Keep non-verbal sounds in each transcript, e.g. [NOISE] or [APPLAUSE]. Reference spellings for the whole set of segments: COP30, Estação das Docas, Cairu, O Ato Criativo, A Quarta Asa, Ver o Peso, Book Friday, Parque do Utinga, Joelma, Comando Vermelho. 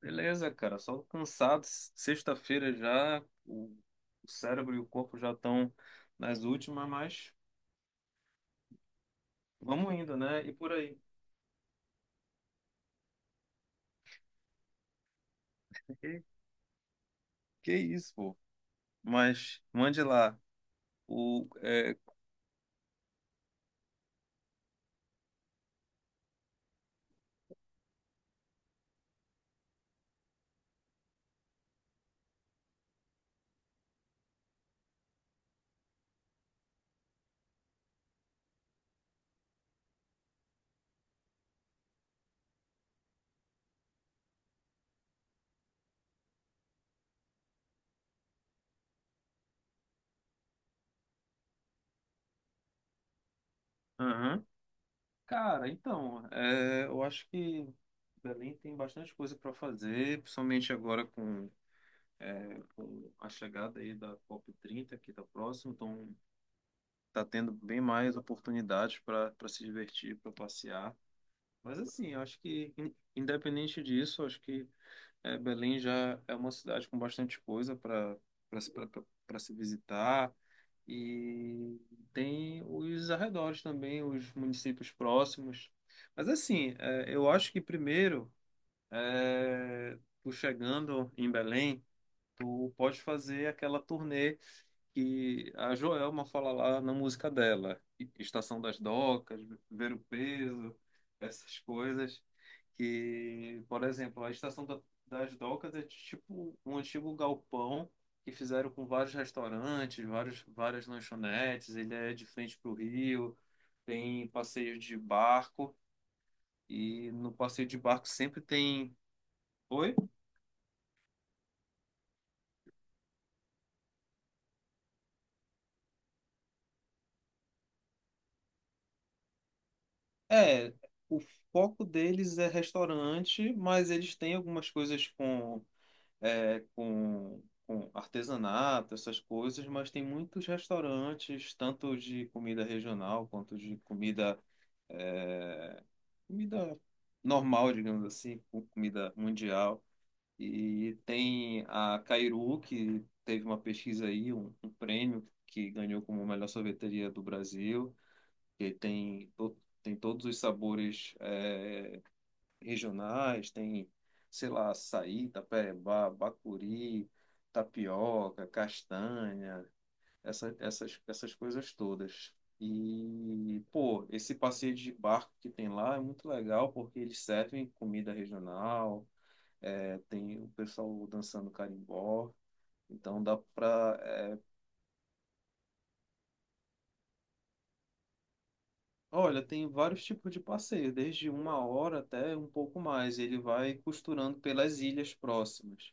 Beleza, cara, só cansados. Sexta-feira já, o cérebro e o corpo já estão nas últimas, mas vamos indo, né? E por aí. Que, que isso, pô? Mas mande lá. O, é, aham. Cara, então, eu acho que Belém tem bastante coisa para fazer, principalmente agora com a chegada aí da COP30, que está próximo, então tá tendo bem mais oportunidades para se divertir, para passear. Mas assim, eu acho que, independente disso, eu acho que Belém já é uma cidade com bastante coisa para se visitar. E tem os arredores também, os municípios próximos. Mas assim, eu acho que primeiro, tu chegando em Belém, tu pode fazer aquela turnê que a Joelma fala lá na música dela, Estação das Docas, Ver o Peso, essas coisas, que, por exemplo, a Estação das Docas é tipo um antigo galpão que fizeram com vários restaurantes, várias lanchonetes, ele é de frente para o rio, tem passeio de barco, e no passeio de barco sempre tem... Oi? É, o foco deles é restaurante, mas eles têm algumas coisas com artesanato, essas coisas, mas tem muitos restaurantes, tanto de comida regional quanto de é, comida normal, digamos assim, comida mundial. E tem a Cairu, que teve uma pesquisa aí, um prêmio que ganhou como melhor sorveteria do Brasil, que tem todos os sabores. Regionais, tem, sei lá, açaí, tapeba, bacuri, tapioca, castanha, essas coisas todas. E, pô, esse passeio de barco que tem lá é muito legal porque eles servem comida regional, tem o pessoal dançando carimbó, então dá pra. Olha, tem vários tipos de passeio, desde uma hora até um pouco mais. Ele vai costurando pelas ilhas próximas.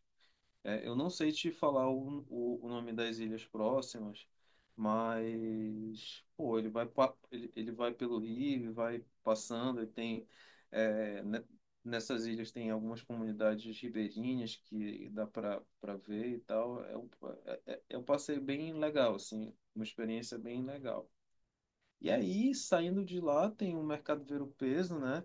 É, eu não sei te falar o nome das ilhas próximas, mas pô, ele vai pelo rio, ele vai passando, e tem é, ne- nessas ilhas tem algumas comunidades ribeirinhas que dá para ver e tal. É um passeio bem legal, assim, uma experiência bem legal. E aí, saindo de lá, tem o mercado ver-o-peso, né?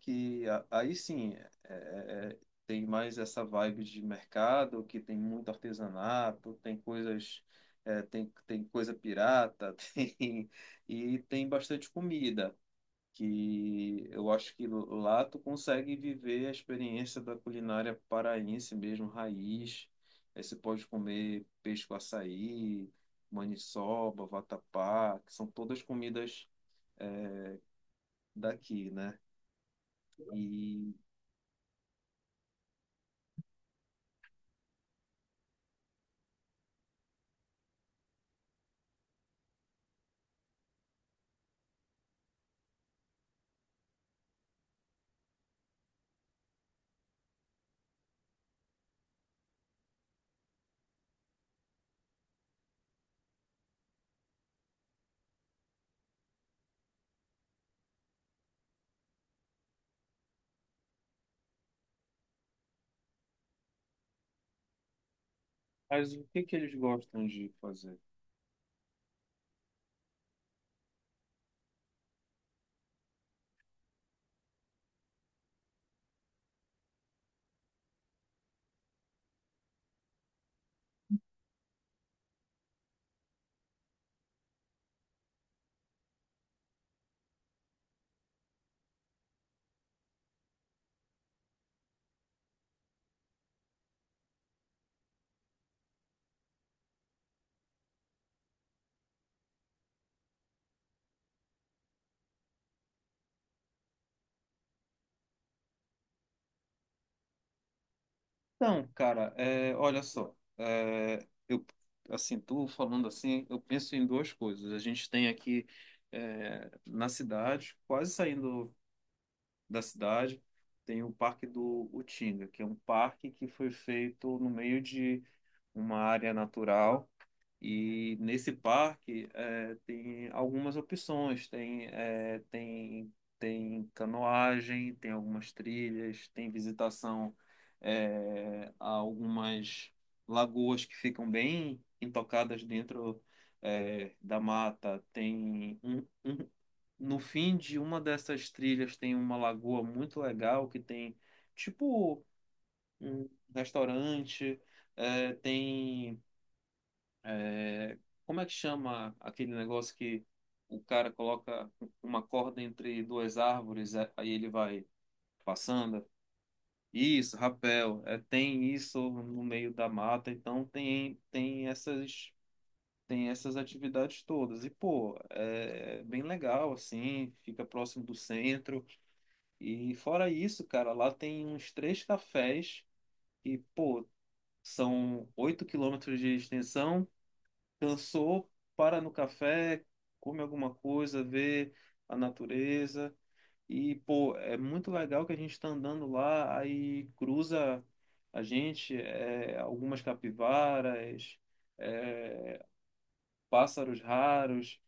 Aí sim, tem mais essa vibe de mercado, que tem muito artesanato, tem coisas, tem coisa pirata, [LAUGHS] tem, e tem bastante comida, que eu acho que lá tu consegue viver a experiência da culinária paraense mesmo, raiz. Aí você pode comer peixe com açaí, maniçoba, vatapá, que são todas comidas é, daqui, né? E Mas o que que eles gostam de fazer? Então, cara, olha só, eu assim, tu falando assim, eu penso em duas coisas. A gente tem aqui na cidade, quase saindo da cidade, tem o Parque do Utinga, que é um parque que foi feito no meio de uma área natural. E nesse parque tem algumas opções, tem canoagem, tem algumas trilhas, tem visitação a algumas lagoas que ficam bem intocadas dentro da mata. No fim de uma dessas trilhas tem uma lagoa muito legal que tem tipo um restaurante, tem é, como é que chama aquele negócio que o cara coloca uma corda entre duas árvores, aí ele vai passando? Isso, rapel. É, tem isso no meio da mata, então tem essas atividades todas. E, pô, é bem legal, assim, fica próximo do centro. E fora isso, cara, lá tem uns três cafés que, pô, são 8 km de extensão. Cansou, para no café, come alguma coisa, vê a natureza. E, pô, é muito legal que a gente tá andando lá, aí cruza a gente, algumas capivaras, é, pássaros raros.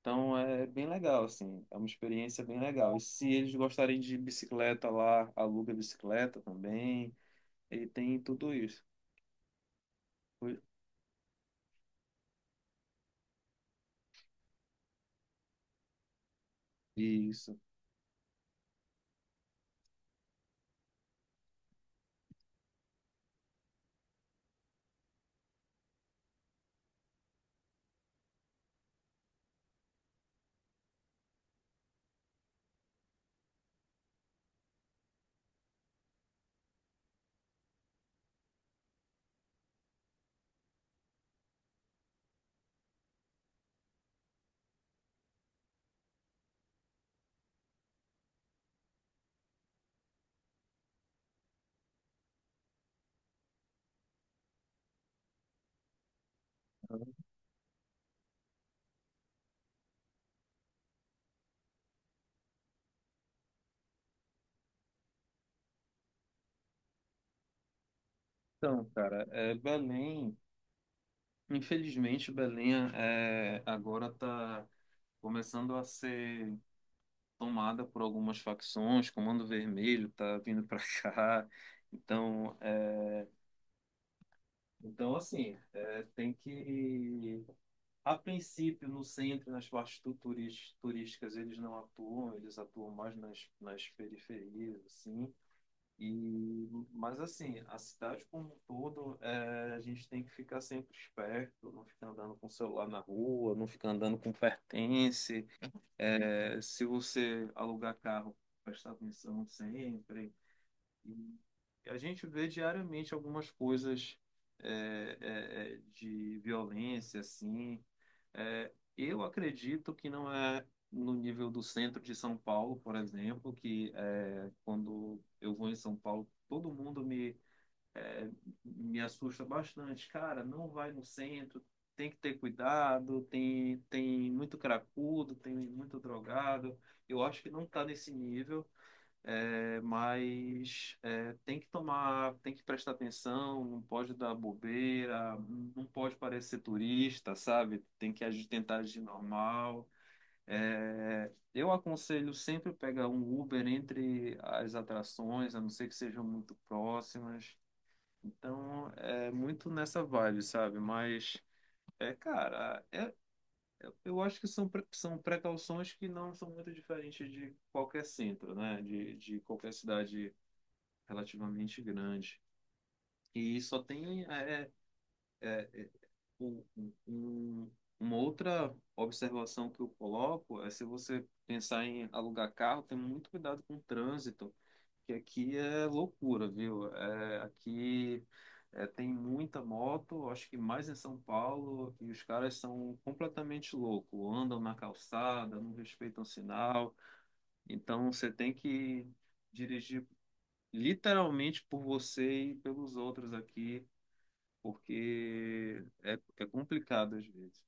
Então é bem legal, assim, é uma experiência bem legal. E se eles gostarem de bicicleta lá, aluga bicicleta também. Ele tem tudo isso. Isso. Então, cara, é Belém. Infelizmente, Belém agora está começando a ser tomada por algumas facções. Comando Vermelho está vindo para [LAUGHS] cá. Então, é, então assim, tem que... A princípio, no centro, nas partes turísticas, eles não atuam. Eles atuam mais nas periferias, assim. E, mas assim, a cidade como um todo, a gente tem que ficar sempre esperto, não ficar andando com o celular na rua, não ficar andando com pertence. Se você alugar carro, prestar atenção sempre. E a gente vê diariamente algumas coisas de violência, assim, Eu acredito que não é no nível do centro de São Paulo, por exemplo, quando eu vou em São Paulo, todo mundo é, me assusta bastante. Cara, não vai no centro, tem que ter cuidado, tem muito cracudo, tem muito drogado. Eu acho que não está nesse nível. Mas tem que tomar, tem que prestar atenção, não pode dar bobeira, não pode parecer turista, sabe? Tem que agir, tentar agir normal. Eu aconselho sempre pegar um Uber entre as atrações, a não ser que sejam muito próximas. Então, é muito nessa vibe, sabe? Mas, cara, eu acho que são precauções que não são muito diferentes de qualquer centro, né? De qualquer cidade relativamente grande. E só tem é, é, é, um- um- um, uma outra observação que eu coloco é se você pensar em alugar carro, tem muito cuidado com o trânsito, que aqui é loucura, viu? Aqui tem muita moto, acho que mais em São Paulo, e os caras são completamente loucos, andam na calçada, não respeitam sinal, então você tem que dirigir literalmente por você e pelos outros aqui, porque é complicado às vezes.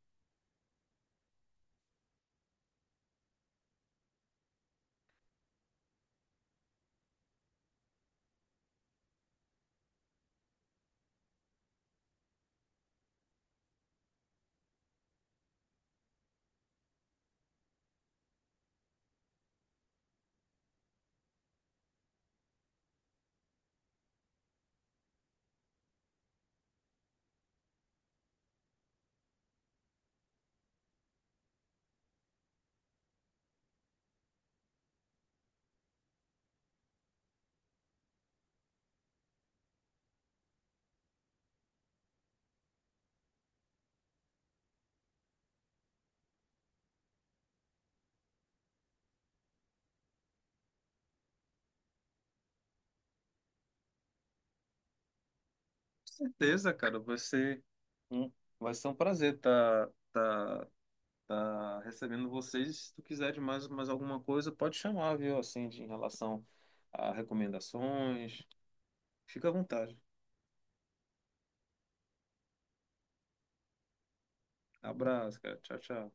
Com certeza, cara, um, vai ser um prazer tá recebendo vocês. Se tu quiser mais alguma coisa, pode chamar, viu? Assim, em relação a recomendações. Fica à vontade. Abraço, cara. Tchau, tchau.